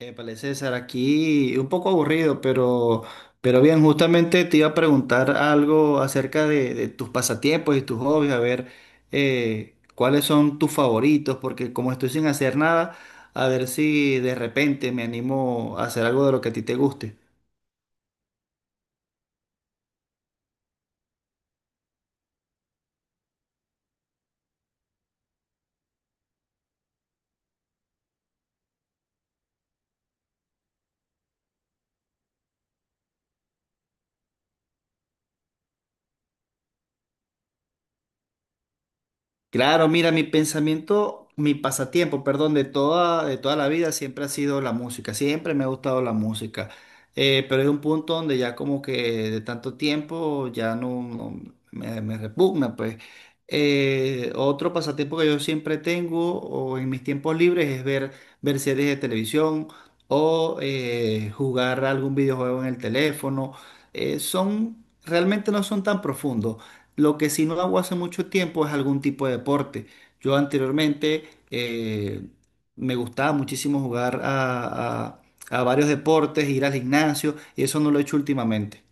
Épale, César, aquí un poco aburrido, pero bien, justamente te iba a preguntar algo acerca de tus pasatiempos y tus hobbies, a ver cuáles son tus favoritos, porque como estoy sin hacer nada, a ver si de repente me animo a hacer algo de lo que a ti te guste. Claro, mira, mi pensamiento, mi pasatiempo, perdón, de toda la vida siempre ha sido la música, siempre me ha gustado la música. Pero hay un punto donde ya como que de tanto tiempo ya me, me repugna, pues. Otro pasatiempo que yo siempre tengo o en mis tiempos libres es ver series de televisión o jugar algún videojuego en el teléfono. Realmente no son tan profundos. Lo que sí no hago hace mucho tiempo es algún tipo de deporte. Yo anteriormente eh, me gustaba muchísimo a varios deportes, ir al gimnasio, y eso no lo he hecho últimamente.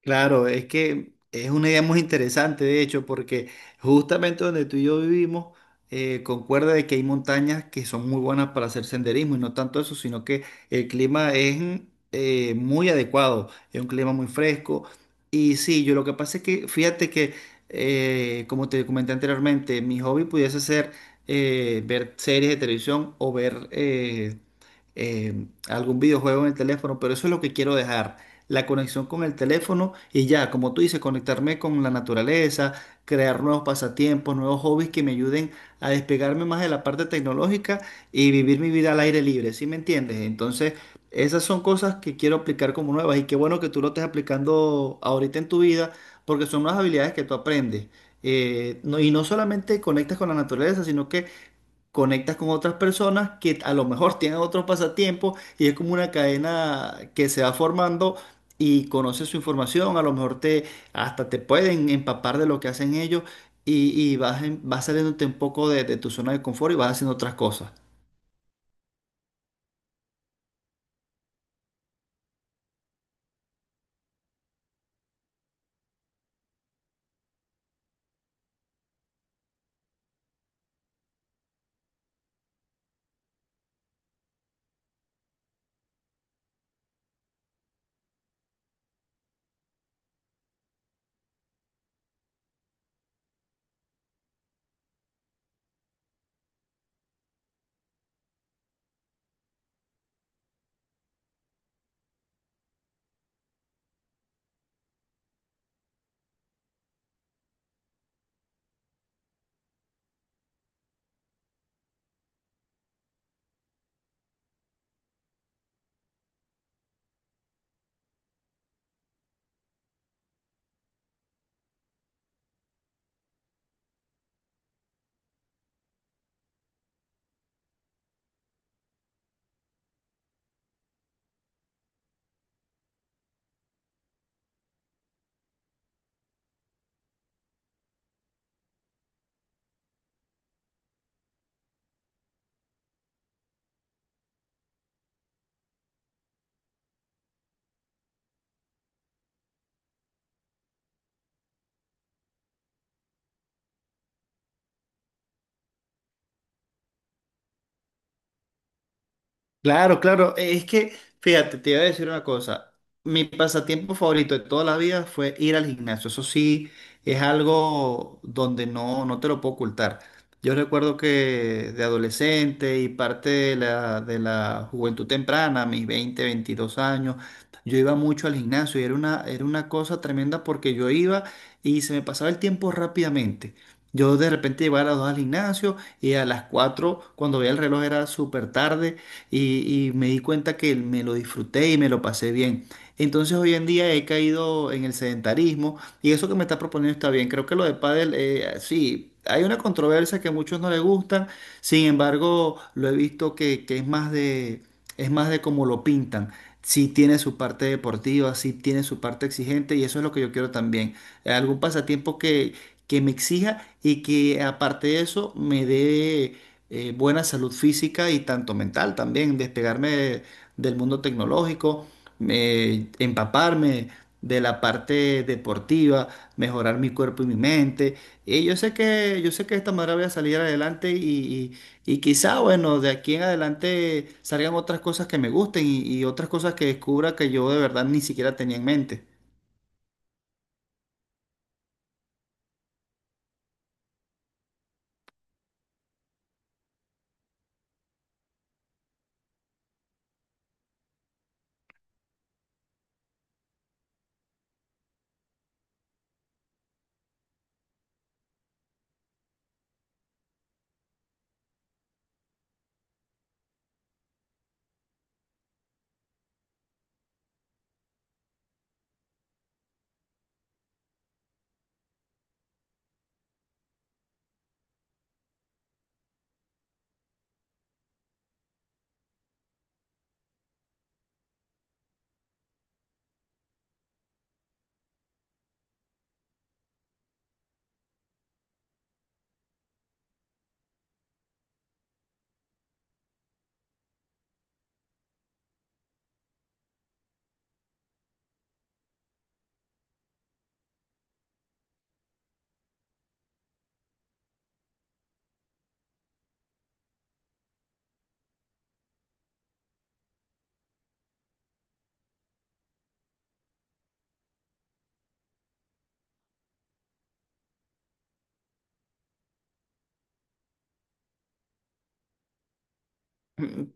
Claro, es que es una idea muy interesante, de hecho, porque justamente donde tú y yo vivimos, concuerda de que hay montañas que son muy buenas para hacer senderismo y no tanto eso, sino que el clima es muy adecuado, es un clima muy fresco. Y sí, yo lo que pasa es que, fíjate que, como te comenté anteriormente, mi hobby pudiese ser ver series de televisión o ver algún videojuego en el teléfono, pero eso es lo que quiero dejar la conexión con el teléfono y ya, como tú dices, conectarme con la naturaleza, crear nuevos pasatiempos, nuevos hobbies que me ayuden a despegarme más de la parte tecnológica y vivir mi vida al aire libre, ¿sí me entiendes? Entonces, esas son cosas que quiero aplicar como nuevas y qué bueno que tú lo estés aplicando ahorita en tu vida porque son unas habilidades que tú aprendes. Y no solamente conectas con la naturaleza, sino que conectas con otras personas que a lo mejor tienen otros pasatiempos y es como una cadena que se va formando y conoces su información, a lo mejor te hasta te pueden empapar de lo que hacen ellos y vas saliéndote un poco de tu zona de confort y vas haciendo otras cosas. Claro, claro. Es que, fíjate, te iba a decir una cosa. Mi pasatiempo favorito de toda la vida fue ir al gimnasio. Eso sí, es algo donde no te lo puedo ocultar. Yo recuerdo que de adolescente y parte de la juventud temprana, mis 20, 22 años, yo iba mucho al gimnasio y era era una cosa tremenda porque yo iba y se me pasaba el tiempo rápidamente. Yo de repente llegaba a las 2 al gimnasio y a las 4 cuando veía el reloj era súper tarde y me di cuenta que me lo disfruté y me lo pasé bien. Entonces hoy en día he caído en el sedentarismo y eso que me está proponiendo está bien. Creo que lo de pádel, sí, hay una controversia que a muchos no les gustan, sin embargo lo he visto que es más es más de cómo lo pintan. Sí tiene su parte deportiva, sí tiene su parte exigente y eso es lo que yo quiero también. ¿Algún pasatiempo que me exija y que aparte de eso me dé buena salud física y tanto mental también, del mundo tecnológico, empaparme de la parte deportiva, mejorar mi cuerpo y mi mente? Y yo sé que de esta manera voy a salir adelante y quizá, bueno, de aquí en adelante salgan otras cosas que me gusten y otras cosas que descubra que yo de verdad ni siquiera tenía en mente.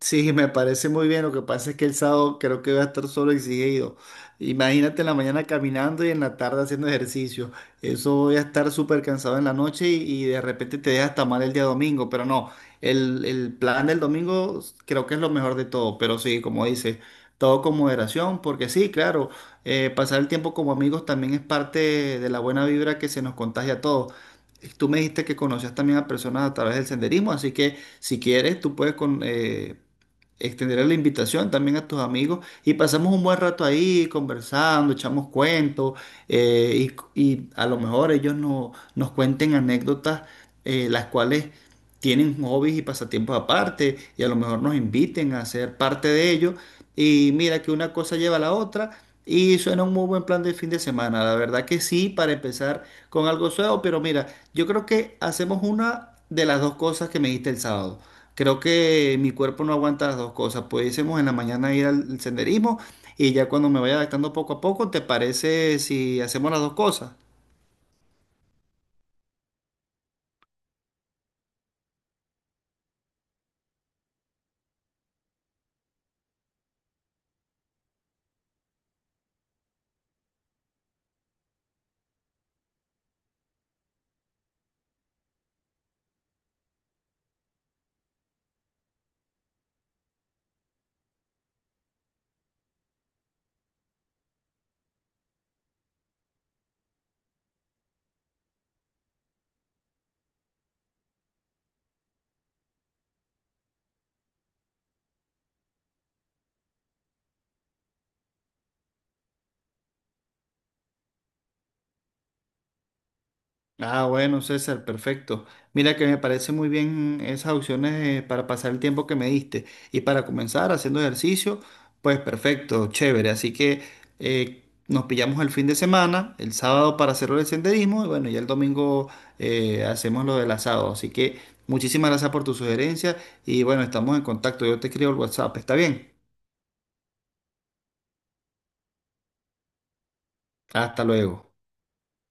Sí, me parece muy bien. Lo que pasa es que el sábado creo que voy a estar solo exigido. Imagínate en la mañana caminando y en la tarde haciendo ejercicio. Eso voy a estar súper cansado en la noche y de repente te deja hasta mal el día domingo. Pero no, el plan del domingo creo que es lo mejor de todo. Pero sí, como dices, todo con moderación, porque sí, claro, pasar el tiempo como amigos también es parte de la buena vibra que se nos contagia a todos. Tú me dijiste que conocías también a personas a través del senderismo, así que si quieres, tú puedes extenderé la invitación también a tus amigos y pasamos un buen rato ahí conversando, echamos cuentos eh, y a lo mejor ellos no- nos cuenten anécdotas las cuales tienen hobbies y pasatiempos aparte y a lo mejor nos inviten a ser parte de ellos y mira que una cosa lleva a la otra y suena un muy buen plan de fin de semana, la verdad que sí, para empezar con algo suave, pero mira, yo creo que hacemos una de las dos cosas que me diste el sábado. Creo que mi cuerpo no aguanta las dos cosas. Pudiésemos en la mañana ir al senderismo y ya cuando me vaya adaptando poco a poco, ¿te parece si hacemos las dos cosas? Ah, bueno, César, perfecto. Mira que me parece muy bien esas opciones para pasar el tiempo que me diste. Y para comenzar haciendo ejercicio, pues perfecto, chévere. Así que nos pillamos el fin de semana, el sábado para hacerlo el senderismo y bueno, ya el domingo hacemos lo del asado. Así que muchísimas gracias por tu sugerencia y bueno, estamos en contacto. Yo te escribo el WhatsApp, ¿está bien? Hasta luego.